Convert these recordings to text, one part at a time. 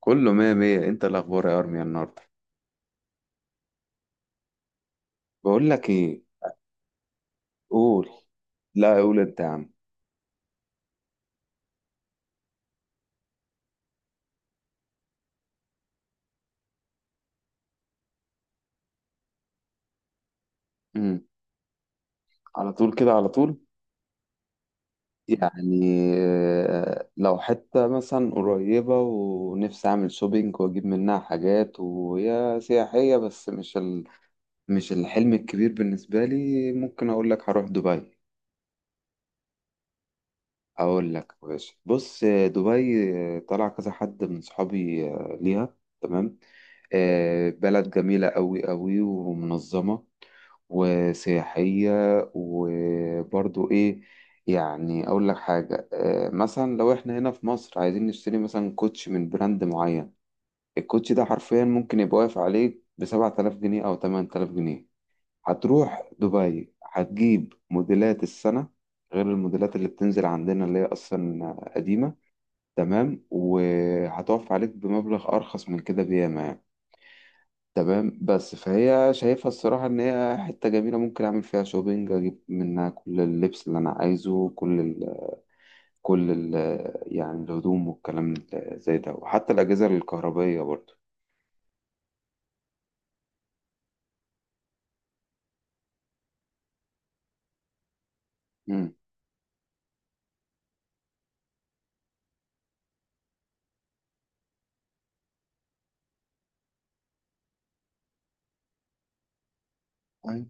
كله مية مية، انت إيه الاخبار يا ارميا النهارده؟ بقول لك ايه. قول. لا، قول انت يا عم. امم على طول كده، على طول. يعني، لو حتة مثلا قريبة ونفسي أعمل شوبينج وأجيب منها حاجات، وهي سياحية بس مش الحلم الكبير بالنسبة لي. ممكن أقول لك هروح دبي. أقول لك يا باشا، بص، دبي. طلع كذا حد من صحابي، ليها. تمام. بلد جميلة أوي أوي ومنظمة، وسياحية، وبرضو إيه، يعني أقول لك حاجة، مثلا لو إحنا هنا في مصر عايزين نشتري مثلا كوتش من براند معين، الكوتش ده حرفيا ممكن يبقى واقف عليك بسبعة آلاف جنيه أو 8,000 جنيه. هتروح دبي هتجيب موديلات السنة، غير الموديلات اللي بتنزل عندنا اللي هي أصلا قديمة. تمام، وهتقف عليك بمبلغ أرخص من كده بياما يعني. تمام. بس فهي شايفها الصراحة إن هي حتة جميلة، ممكن أعمل فيها شوبينج، أجيب منها كل اللبس اللي أنا عايزه، كل ال كل ال يعني الهدوم والكلام زي ده، وحتى الأجهزة الكهربائية برضه. مم. أيوة.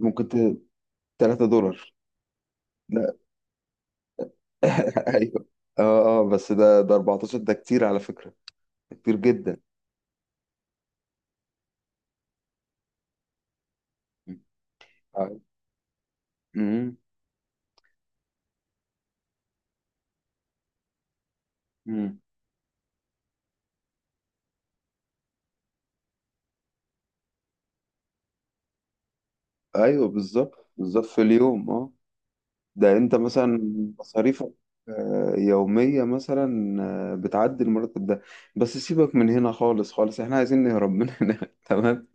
ممكن ت- 3 دولار. لا. أيوه. أه أه بس ده 14، ده كتير على فكرة، ده كتير جدا. مم. أيوة. مم. مم. أيوه بالظبط بالظبط، في اليوم، أه. ده انت مثلا مصاريفك يومية مثلا بتعدي المرتب ده. بس سيبك من هنا خالص خالص، احنا عايزين نهرب من هنا. تمام.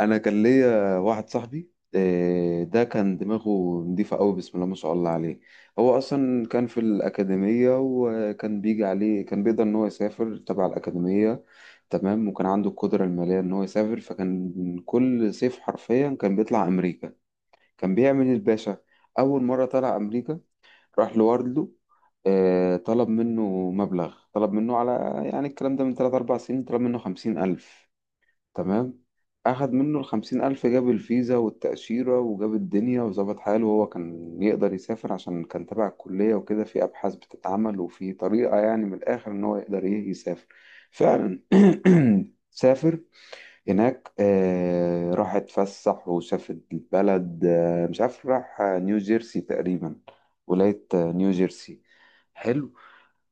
انا كان ليا واحد صاحبي ده كان دماغه نضيفة قوي، بسم الله ما شاء الله عليه. هو اصلا كان في الأكاديمية، وكان بيجي عليه، كان بيقدر ان هو يسافر تبع الأكاديمية. تمام، وكان عنده القدرة المالية ان هو يسافر، فكان كل صيف حرفيا كان بيطلع امريكا، كان بيعمل الباشا. اول مره طلع امريكا راح لوردلو. طلب منه مبلغ، طلب منه على، يعني الكلام ده من 3 4 سنين، طلب منه 50,000. تمام. أخد منه ال 50,000، جاب الفيزا والتأشيرة، وجاب الدنيا وظبط حاله. وهو كان يقدر يسافر عشان كان تبع الكلية وكده، في أبحاث بتتعمل، وفي طريقة يعني من الآخر إن هو يقدر إيه يسافر فعلا. سافر هناك، راح اتفسح وشافت البلد. مش عارف، راح نيو جيرسي تقريبا، ولاية نيو جيرسي. حلو.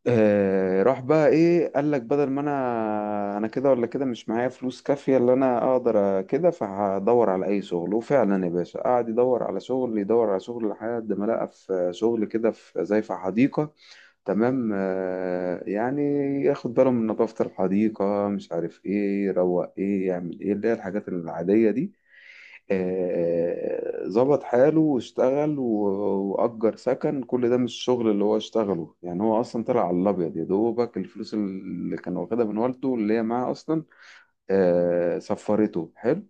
راح بقى ايه، قال لك بدل ما انا كده ولا كده، مش معايا فلوس كافية اللي انا اقدر كده، فهدور على اي شغل. وفعلا يا باشا، قعد يدور على شغل يدور على شغل، لحد ما لقى في شغل كده، في زي في حديقة. تمام، يعني ياخد باله من نظافة الحديقة، مش عارف ايه، يروق ايه، يعمل ايه، اللي هي الحاجات العادية دي. ظبط حاله واشتغل. وأجر سكن كل ده، مش الشغل اللي هو اشتغله، يعني هو أصلا طلع على الأبيض يا دوبك الفلوس اللي كان واخدها من والده، اللي هي معاه أصلا. سفرته حلو،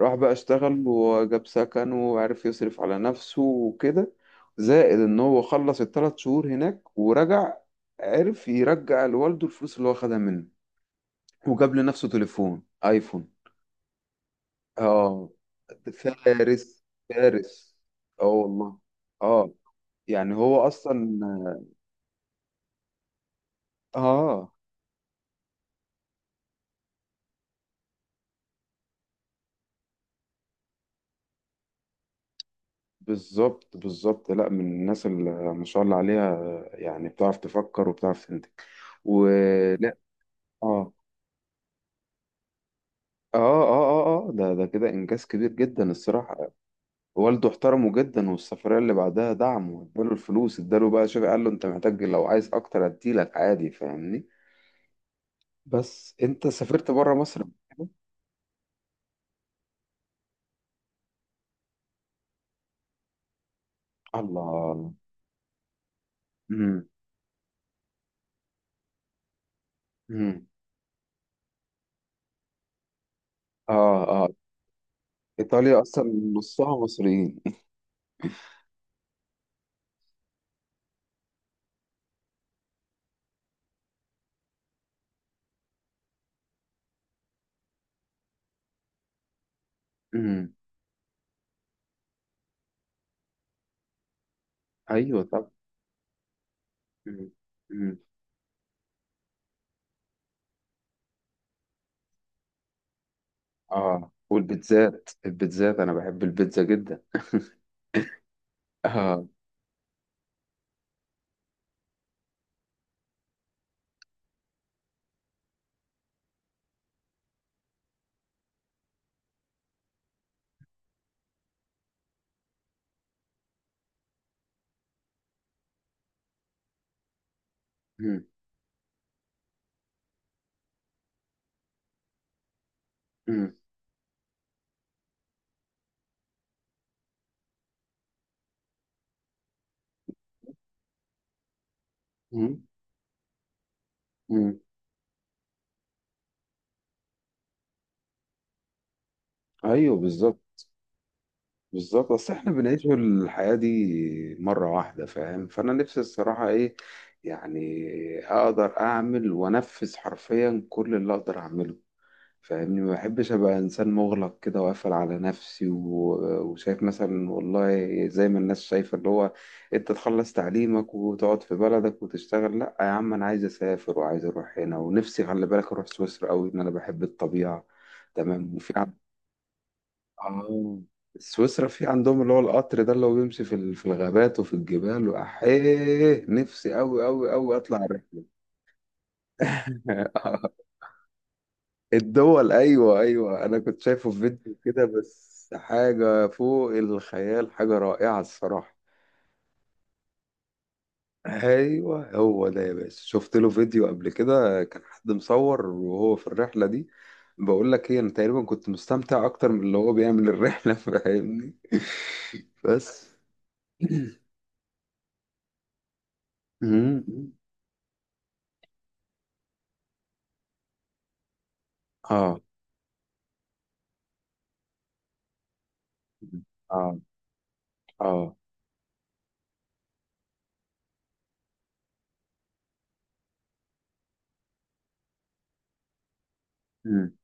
راح بقى اشتغل وجاب سكن، وعرف يصرف على نفسه وكده. زائد ان هو خلص ال 3 شهور هناك ورجع، عرف يرجع لوالده الفلوس اللي هو خدها منه، وجاب لنفسه تليفون ايفون. اه. فارس. فارس. اه والله. اه. يعني هو اصلا، اه بالظبط بالظبط، لا من الناس اللي ما شاء الله عليها، يعني بتعرف تفكر وبتعرف تنتج، ولا؟ اه اه ده كده انجاز كبير جدا الصراحه. والده احترمه جدا، والسفريه اللي بعدها دعمه، اداله الفلوس، اداله بقى، شوف، قال له انت محتاج، لو عايز اكتر اديلك عادي، فاهمني. بس انت سافرت بره مصر قبل كده؟ الله. امم. امم. اه اه. ايطاليا اصلا نصها مصريين. امم. ايوه، طب. امم. امم. اه، والبيتزات، البيتزات انا بحب البيتزا جدا. اه. امم. امم. امم. أمم. ايوه بالظبط بالظبط، اصل احنا بنعيش الحياة دي مرة واحدة، فاهم، فانا نفسي الصراحة ايه يعني، اقدر اعمل وانفذ حرفيا كل اللي اقدر اعمله، فاهمني. ما بحبش ابقى انسان مغلق كده وقافل على نفسي، وشايف مثلا، والله زي ما الناس شايفة اللي هو، انت تخلص تعليمك وتقعد في بلدك وتشتغل. لا يا عم، انا عايز اسافر وعايز اروح هنا، ونفسي، خلي بالك، اروح سويسرا قوي، ان انا بحب الطبيعة. تمام، وفي، اه، سويسرا في عندهم اللي هو القطر ده اللي هو بيمشي في الغابات وفي الجبال، واحيه نفسي أوي أوي أوي اطلع الرحله. الدول، ايوه ايوه. انا كنت شايفه في فيديو كده، بس حاجه فوق الخيال، حاجه رائعه الصراحه. ايوه هو ده يا باشا، شفت له فيديو قبل كده، كان حد مصور وهو في الرحله دي. بقول لك ايه، انا تقريبا كنت مستمتع اكتر من اللي هو بيعمل الرحله. فاهمني. بس. اه اه اه. امم.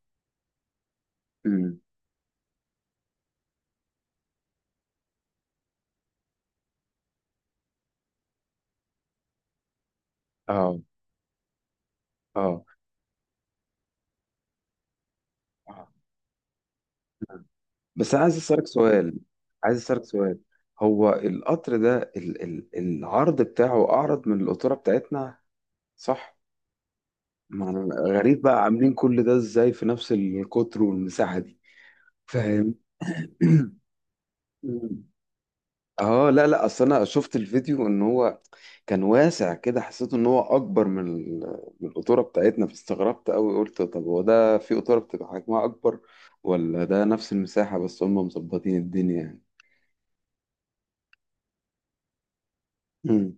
امم. اه اه. آه. مم. بس انا عايز اسالك سؤال، عايز اسالك سؤال، هو القطر ده، ال ال العرض بتاعه اعرض من القطوره بتاعتنا، صح؟ ما أنا غريب بقى عاملين كل ده ازاي في نفس القطر والمساحه دي، فاهم؟ اه لا لا، اصل انا شفت الفيديو ان هو كان واسع كده، حسيت ان هو اكبر من القطوره بتاعتنا، فاستغربت قوي، قلت طب هو ده في قطوره بتبقى حجمها اكبر، ولا ده نفس المساحه بس هم مظبطين الدنيا يعني؟ مم.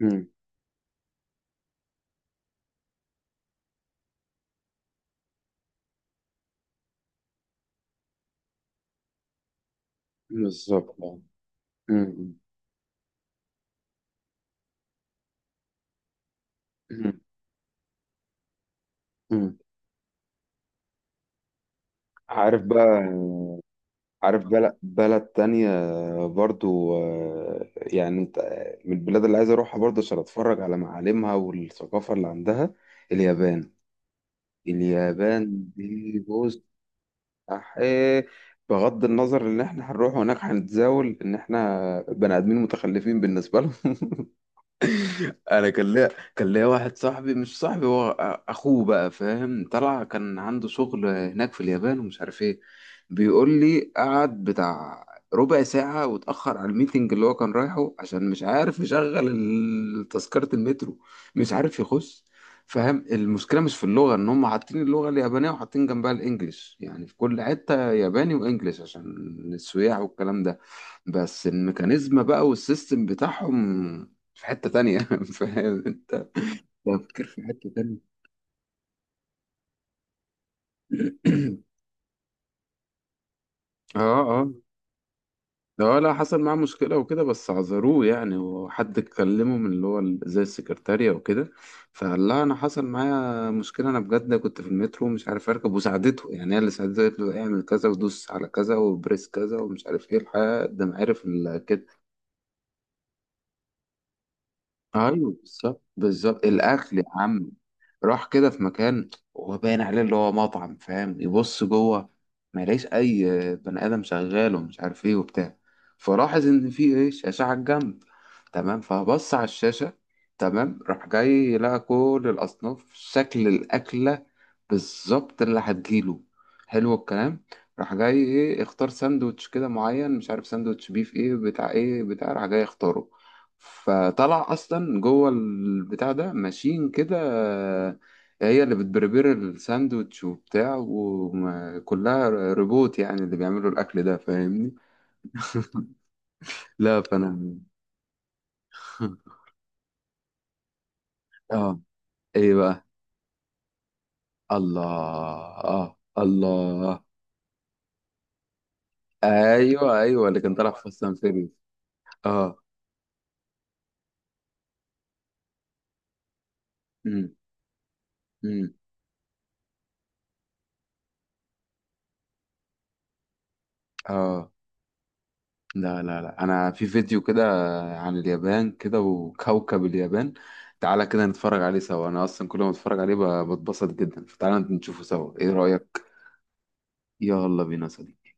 مم. بالظبط. مم. مم. مم. مم. عارف بقى، عارف بلد تانية برضو، من البلاد اللي عايز اروحها برضو عشان اتفرج على معالمها والثقافه اللي عندها، اليابان. اليابان دي، بص، أحيه، بغض النظر ان احنا هنروح هناك هنتزاول ان احنا بني ادمين متخلفين بالنسبه لهم. انا كان ليا، واحد صاحبي، مش صاحبي، هو اخوه بقى، فاهم، طلع كان عنده شغل هناك في اليابان ومش عارف ايه. بيقول لي قعد بتاع ربع ساعة، واتأخر على الميتنج اللي هو كان رايحه، عشان مش عارف يشغل تذكرة المترو، مش عارف يخش. فاهم المشكلة مش في اللغة، ان هم حاطين اللغة اليابانية وحاطين جنبها الانجليش، يعني في كل حتة ياباني وانجليش عشان السياح والكلام ده. بس الميكانيزم بقى والسيستم بتاعهم في حتة تانية. فاهم انت؟ بفكر في حتة تانية. اه اه. اه لا، حصل معاه مشكلة وكده، بس عذروه يعني، وحد اتكلمه من اللي هو زي السكرتارية وكده. فقال لها أنا حصل معايا مشكلة، أنا بجد كنت في المترو ومش عارف أركب، وساعدته يعني، هي اللي ساعدته، قالت له اعمل كذا ودوس على كذا وبريس كذا ومش عارف إيه، لحد ما عرف الكت. ايوه بالظبط بالظبط. الاكل يا عم، راح كده في مكان، هو باين عليه اللي هو مطعم، فاهم، يبص جوه، ما يلاقيش اي بني ادم شغال، ومش عارف ايه وبتاع. فلاحظ ان في ايه، شاشه على الجنب. تمام، فبص على الشاشه. تمام، راح جاي لقى كل الاصناف، شكل الاكله بالظبط اللي هتجيله، حلو الكلام. راح جاي ايه، اختار ساندوتش كده معين، مش عارف ساندوتش بيف ايه بتاع ايه بتاع، راح جاي اختاره. فطلع اصلا جوه البتاع ده ماشين كده، هي اللي بتبربر الساندوتش وبتاع، وكلها روبوت يعني اللي بيعملوا الاكل ده، فاهمني. لا فانا. اه، ايه بقى؟ الله. اه، الله. ايوه ايوه، اللي كان طالع في فاست اند فيريوس. اه. امم. امم. اه لا لا لا، انا في فيديو كده عن اليابان كده، وكوكب اليابان، تعالى كده نتفرج عليه سوا، انا اصلا كل ما اتفرج عليه بتبسط جدا، فتعالى نشوفه سوا، ايه رأيك؟ يلا بينا يا صديقي.